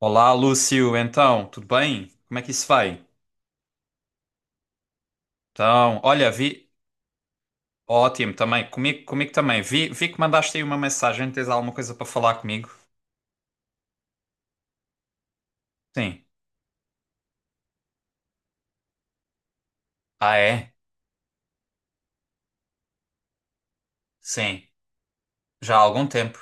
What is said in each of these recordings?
Olá, Lúcio, então, tudo bem? Como é que isso vai? Então, olha, vi. Ótimo também, comigo também. Vi que mandaste aí uma mensagem, tens alguma coisa para falar comigo? Sim. Ah, é? Sim. Já há algum tempo.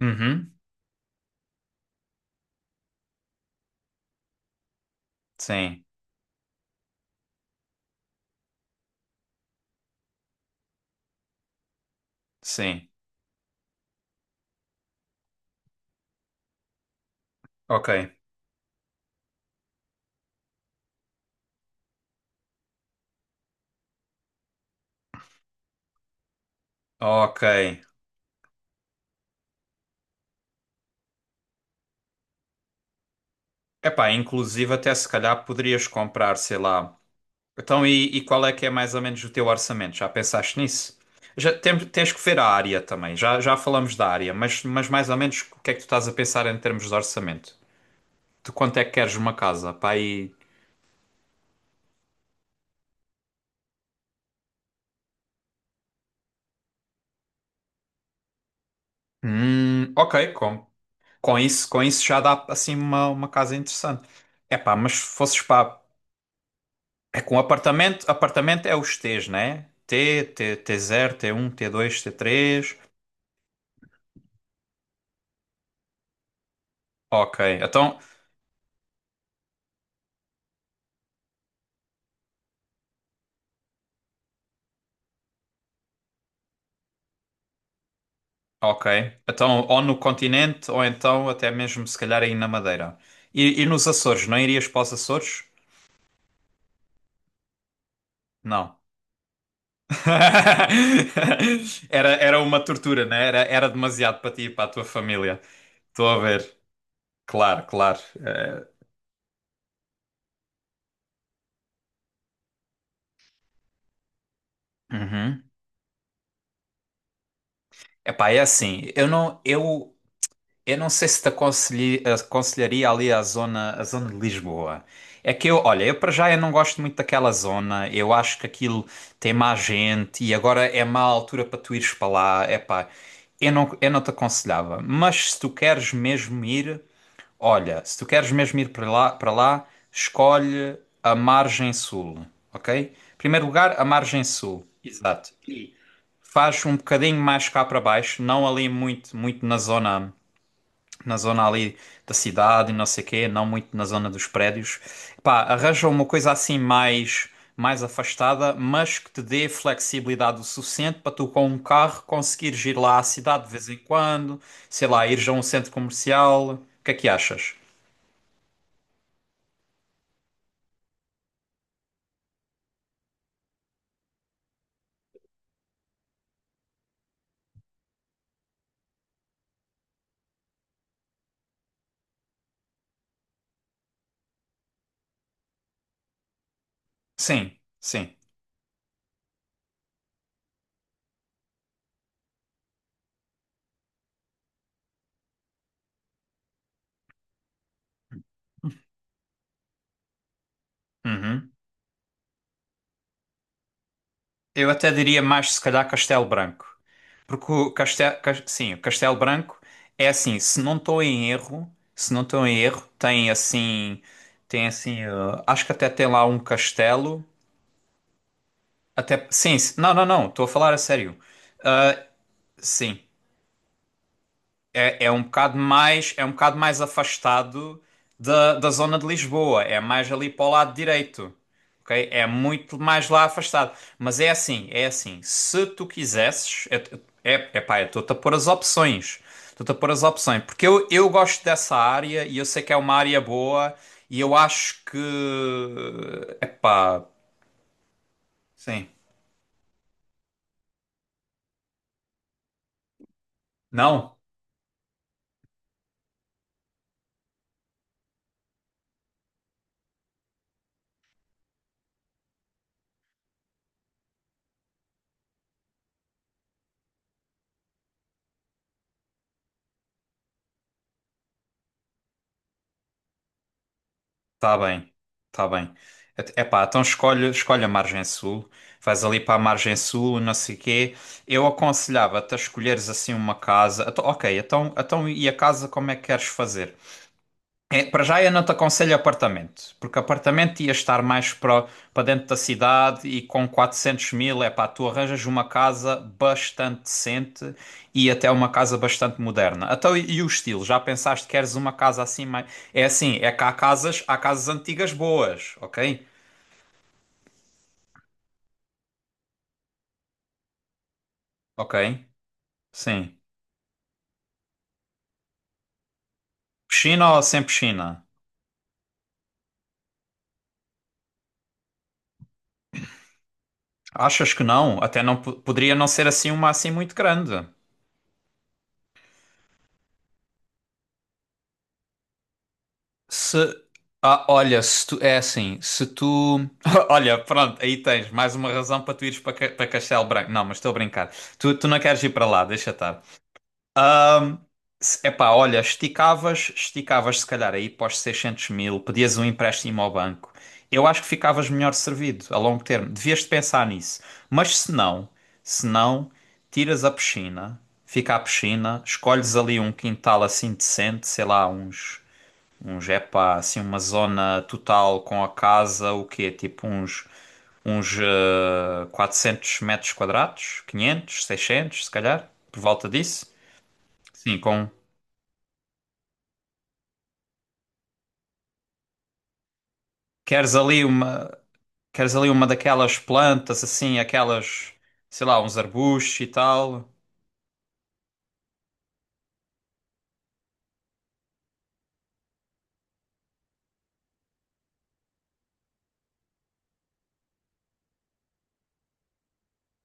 Uhum. Sim, sim. Ok, ok. Epá, inclusive até se calhar poderias comprar, sei lá. Então, e qual é que é mais ou menos o teu orçamento? Já pensaste nisso? Já tens que ver a área também. Já falamos da área, mas mais ou menos o que é que tu estás a pensar em termos de orçamento? De quanto é que queres uma casa? Pá, aí. Ok, com isso já dá assim uma casa interessante. É pá, mas se fosses pá. É com apartamento, apartamento é os T's, né? T0, T1 T2 T3. Ok, então, ok. Então, ou no continente, ou então até mesmo se calhar aí na Madeira. E nos Açores, não irias para os Açores? Não. Era uma tortura, né? Era demasiado para ti e para a tua família. Estou a ver. Claro, claro. Uhum. Epá, é assim, eu não, eu. Eu não sei se te aconselharia ali a zona, de Lisboa. É que eu, olha, eu para já eu não gosto muito daquela zona. Eu acho que aquilo tem má gente e agora é má altura para tu ires para lá. Epá, eu não te aconselhava. Mas se tu queres mesmo ir, olha, se tu queres mesmo ir para lá, escolhe a margem sul, ok? Primeiro lugar, a margem sul. Exato. E faz um bocadinho mais cá para baixo, não ali muito, muito na zona ali da cidade, e não sei quê, não muito na zona dos prédios. Pá, arranja uma coisa assim mais afastada, mas que te dê flexibilidade o suficiente para tu com um carro conseguires ir lá à cidade de vez em quando, sei lá, ires a um centro comercial. O que é que achas? Sim, sim. Uhum. Eu até diria mais, se calhar, Castelo Branco. Porque o Castelo, sim, o Castelo Branco é assim, se não estou em erro, se não estou em erro, tem assim, acho que até tem lá um castelo, até, sim, não, não, não, estou a falar a sério. Ah, sim. É um bocado mais, é um bocado mais afastado da zona de Lisboa, é mais ali para o lado direito, ok? É muito mais lá afastado. Mas é assim, se tu quisesses, é pá, eu estou-te a pôr as opções, estou-te a pôr as opções, porque eu gosto dessa área e eu sei que é uma área boa e eu acho que, é pá, sim, não? Tá bem, tá bem. Epá, então escolhe a margem sul, vais ali para a margem sul, não sei quê. Eu aconselhava-te a escolheres assim uma casa. Então, ok, então e a casa como é que queres fazer? É, para já eu não te aconselho apartamento, porque apartamento ia estar mais para dentro da cidade e com 400.000, é pá, tu arranjas uma casa bastante decente e até uma casa bastante moderna. Então, e o estilo? Já pensaste que queres uma casa assim mais... É assim, é que há casas antigas boas, ok? Ok, sim. Piscina ou sem piscina? Achas que não? Até não poderia não ser assim uma assim muito grande. Se. Ah, olha, se tu. É assim, se tu. Olha, pronto, aí tens mais uma razão para tu ires para Castelo Branco. Não, mas estou a brincar. Tu não queres ir para lá, deixa estar. Epá, olha, esticavas se calhar aí para os 600 mil, pedias um empréstimo ao banco. Eu acho que ficavas melhor servido a longo termo. Devias de pensar nisso. Mas se não, tiras a piscina, fica a piscina, escolhes ali um quintal assim decente, sei lá, uns. Uns, é assim, uma zona total com a casa, o quê? Tipo uns, 400 metros quadrados, 500, 600 se calhar, por volta disso. Sim, com... Queres ali uma, queres ali uma daquelas plantas, assim, aquelas, sei lá, uns arbustos e tal.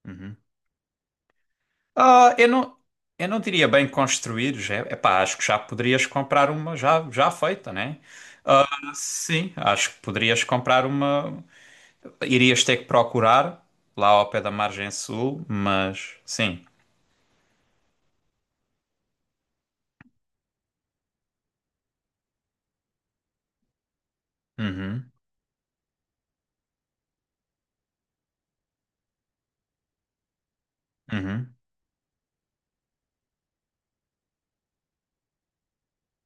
Uhum. Ah, eu não diria bem construídos, é, epá, acho que já poderias comprar uma já feita, né? Ah, sim, acho que poderias comprar uma. Irias ter que procurar lá ao pé da margem sul, mas sim. Uhum, uhum,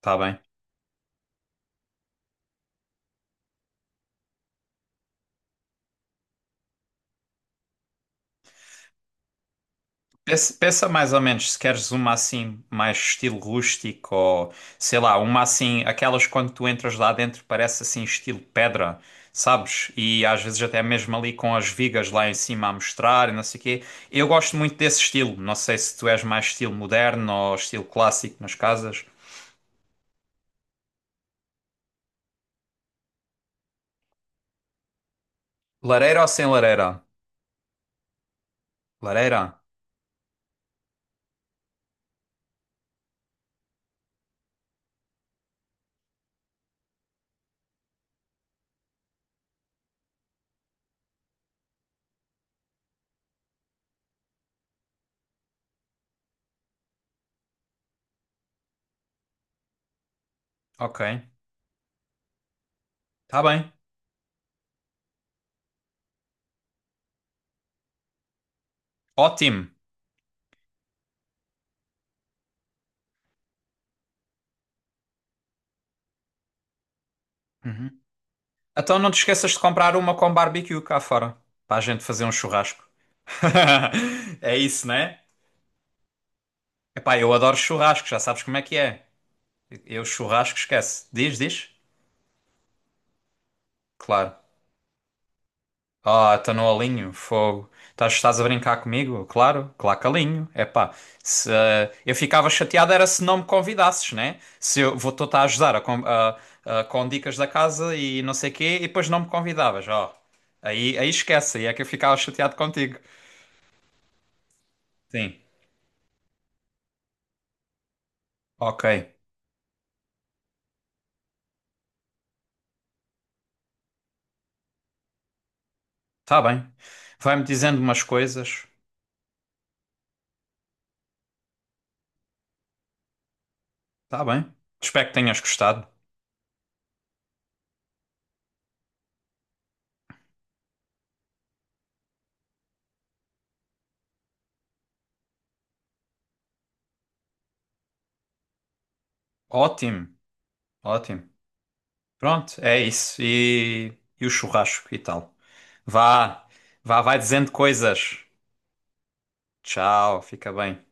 tá bem. Pensa mais ou menos se queres uma assim, mais estilo rústico ou sei lá, uma assim, aquelas quando tu entras lá dentro parece assim, estilo pedra, sabes? E às vezes até mesmo ali com as vigas lá em cima a mostrar e não sei o quê. Eu gosto muito desse estilo. Não sei se tu és mais estilo moderno ou estilo clássico nas casas. Lareira ou sem lareira? Lareira? Ok, tá bem. Ótimo. Uhum. Então não te esqueças de comprar uma com barbecue cá fora, para a gente fazer um churrasco. É isso, né? Epá, eu adoro churrasco, já sabes como é que é. Eu churrasco, esquece. Diz, diz. Claro. Ah, tá no alinho, fogo. Estás a brincar comigo? Claro, claro que alinho. Epá, se, eu ficava chateado era se não me convidasses, né? Se eu vou estar a ajudar a com dicas da casa e não sei o quê, e depois não me convidavas, ó. Aí esquece, aí é que eu ficava chateado contigo. Sim, ok, tá bem. Vai-me dizendo umas coisas, tá bem. Espero que tenhas gostado. Ótimo, ótimo. Pronto, é isso. E o churrasco e tal. Vá, vá, vai dizendo coisas. Tchau, fica bem.